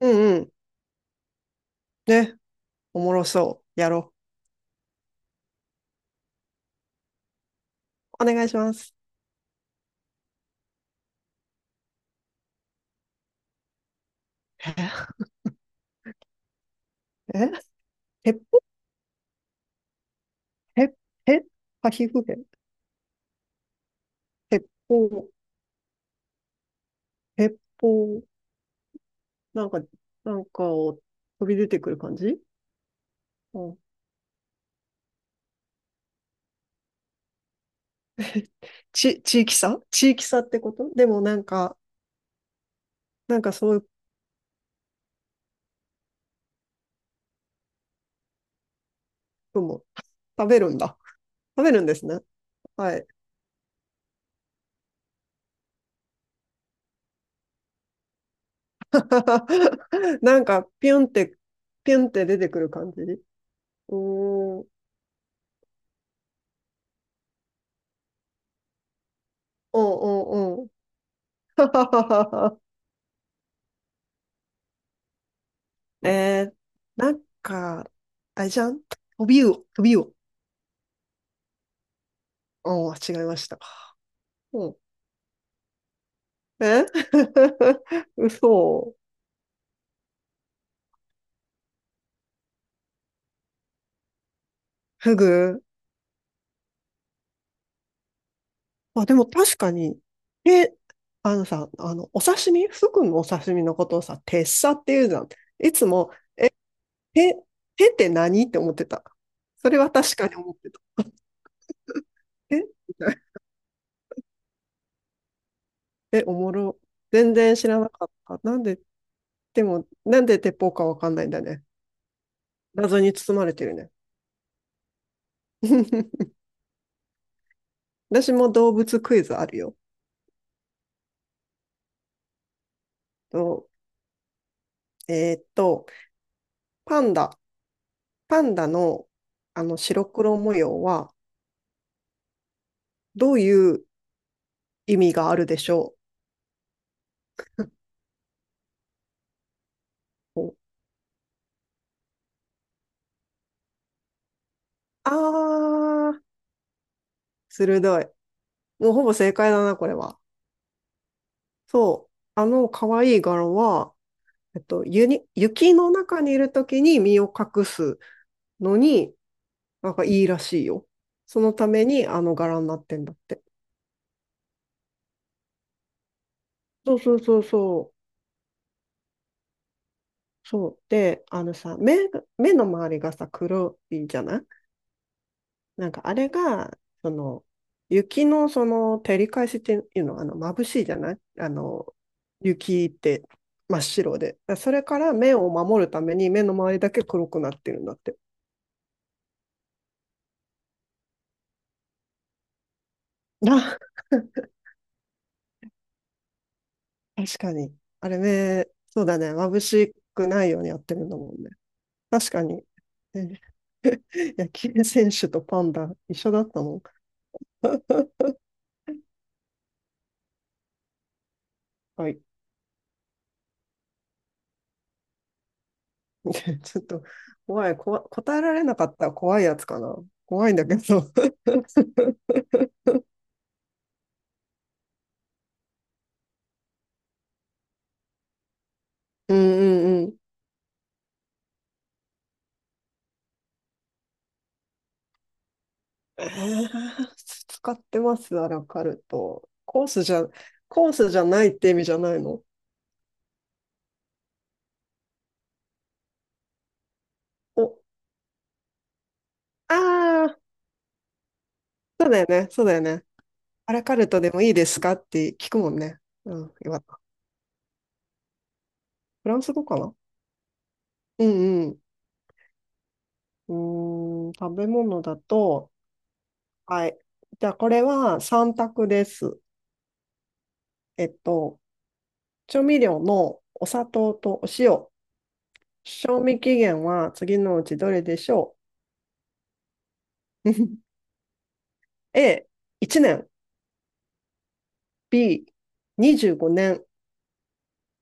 うんうん。ね。おもろそう。やろう。お願いします。え、鉄砲。鉄、え、パヒフヘ。鉄砲、鉄砲。なんか、なんかを飛び出てくる感じ。うん。地域差地域差ってことでも、なんか、なんかそういうのも 食べるんだ。食べるんですね。はい。なんか、ピュンって、ピュンって出てくる感じ。うーん。うんうんうん。えー、なんか、あれじゃん、飛び魚、飛び魚。おお、違いました。うん。え。 嘘。フグ。あ、でも確かに、え、あのさ、あの、お刺身、フグのお刺身のことをさ、鉄砂って言うじゃん。いつも、え、手、手って何って思ってた。それは確かに思ってた。えみたいな。え、おもろ。全然知らなかった。なんで、でも、なんで鉄砲かわかんないんだね。謎に包まれてるね。私も動物クイズあるよ。と、えーっと、パンダ。パンダのあの白黒模様はどういう意味があるでしょう。あー、鋭い。もうほぼ正解だな、これは。そう。あの可愛い柄は、ゆに雪の中にいるときに身を隠すのに、なんかいいらしいよ。そのためにあの柄になってんだって。そうそうそうそう。そう。で、あのさ、目が、目の周りがさ、黒いじゃない。なんかあれが、その、雪のその照り返しっていうの、あの、眩しいじゃない、あの、雪って真っ白で。だそれから目を守るために目の周りだけ黒くなってるんだって。あ、確かに。あれ目、そうだね。眩しくないようにやってるんだもんね。確かに。ね。野球選手とパンダ一緒だったの。はい。ちょっと怖い、こわ、答えられなかったら怖いやつかな。怖いんだけど。うんうんうん。えー、使ってます、アラカルト。コースじゃ、コースじゃないって意味じゃないの。お、ああ、そうだよね、そうだよね。アラカルトでもいいですかって聞くもんね。うん、よかった。フランス語かな。うんうん。うーん、食べ物だと、はい。じゃあ、これは3択です。えっと、調味料のお砂糖とお塩、賞味期限は次のうちどれでしょう。 ?A、1年、B、25年、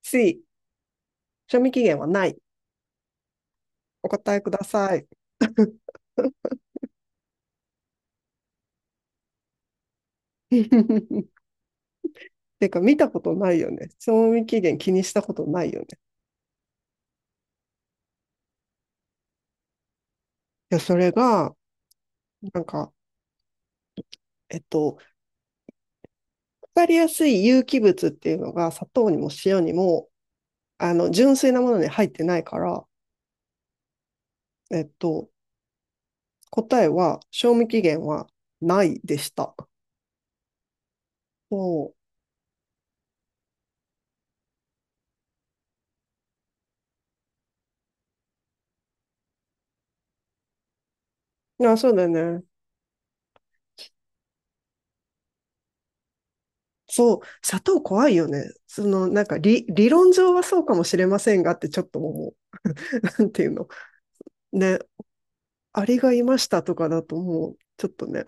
C、賞味期限はない。お答えください。てか、見たことないよね。賞味期限気にしたことないよね。いや、それが、なんか、えっと、わかりやすい有機物っていうのが砂糖にも塩にも、あの、純粋なものに入ってないから、えっと、答えは、賞味期限はないでした。そう。あ、そうだよね。そう。砂糖怖いよね。その、なんか理、理論上はそうかもしれませんがってちょっと思う。なんていうの。ね。アリがいましたとかだともう、ちょっとね、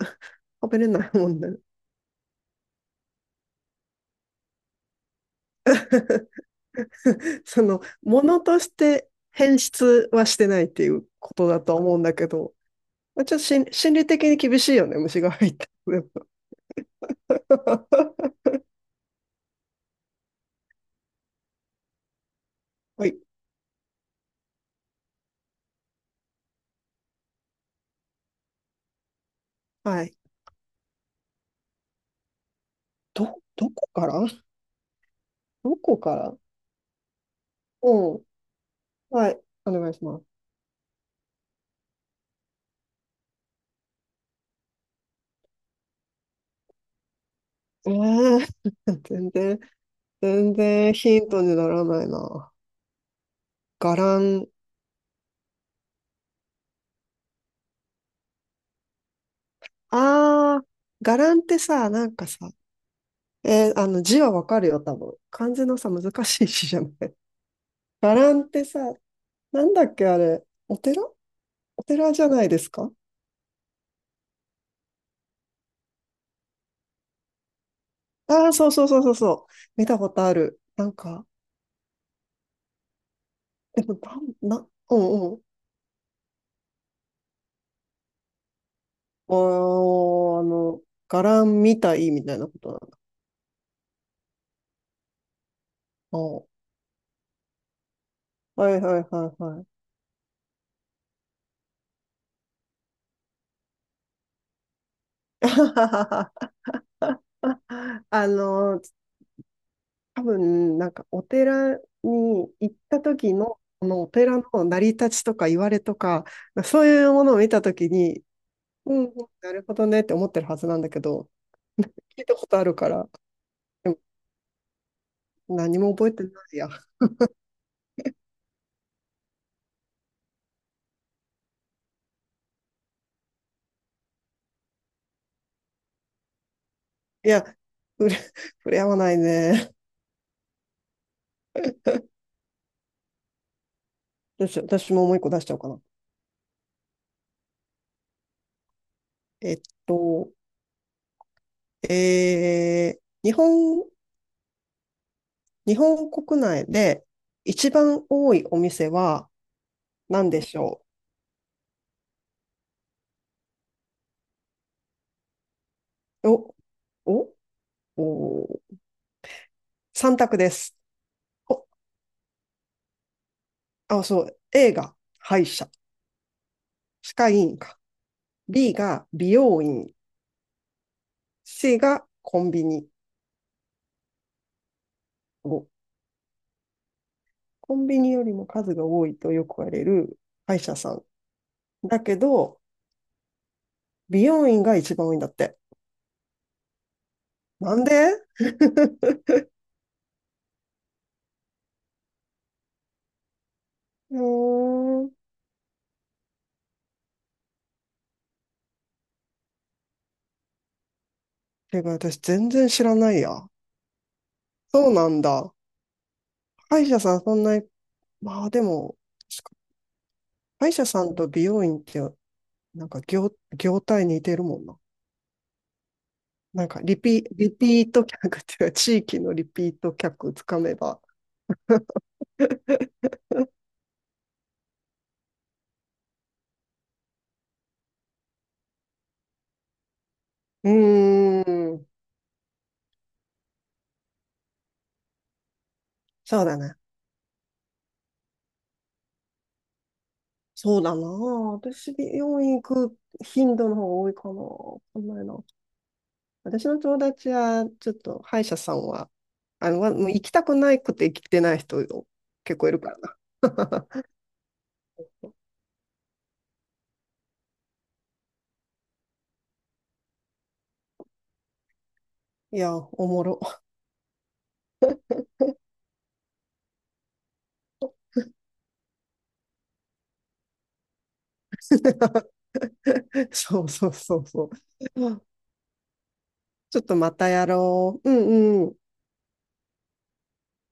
食べれないもんね。その、ものとして変質はしてないっていうことだと思うんだけど、まあちょっと心理的に厳しいよね、虫が入ったら。はい。はい。ど、どこからどこからうん。はい。お願いします。えー、全然、全然ヒントにならないな。ガラン。あー、ガランってさ、なんかさ、えーあの字はわかるよ、多分。漢字のさ、難しい字じゃない。ガランってさ、なんだっけ、あれ。お寺、お寺じゃないですか。ああー、そうそうそうそうそう。見たことある。なんか、でも、なん、な、うんうん。おー、あの、ガランみたいみたいなことなの。おー、はいはいはいはい。あの、多分、なんかお寺に行った時の、このお寺の成り立ちとか言われとか、そういうものを見た時に、うんうん、なるほどねって思ってるはずなんだけど、聞いたことあるから、でも何も覚えてないや。いや、触れ、触れ合わないね。どうしよう、私ももう一個出しちゃおうかな。えっと、えー、日本、日本国内で一番多いお店は何でしょう。お、おお、3択です。お、あ、そう。A が歯医者。歯科医院か。B が美容院。C がコンビニ。コンビニよりも数が多いとよく言われる歯医者さん。だけど、美容院が一番多いんだって。なんで。 もう、てか私全然知らないや。そうなんだ。歯医者さんそんなに、まあでも、歯医者さんと美容院って、なんか業、業態似てるもんな。なんかリピ、リピート客っていうか、地域のリピート客つかめば。うーん、そうだね。そうだな。私、美容院行く頻度の方が多いかな。わかんないな。私の友達は、ちょっと歯医者さんは、あの、わもう行きたくないくて行きてない人結構いるからな。いや、おもろ。そうそうそうそう。ちょっとまたやろう。うんうん。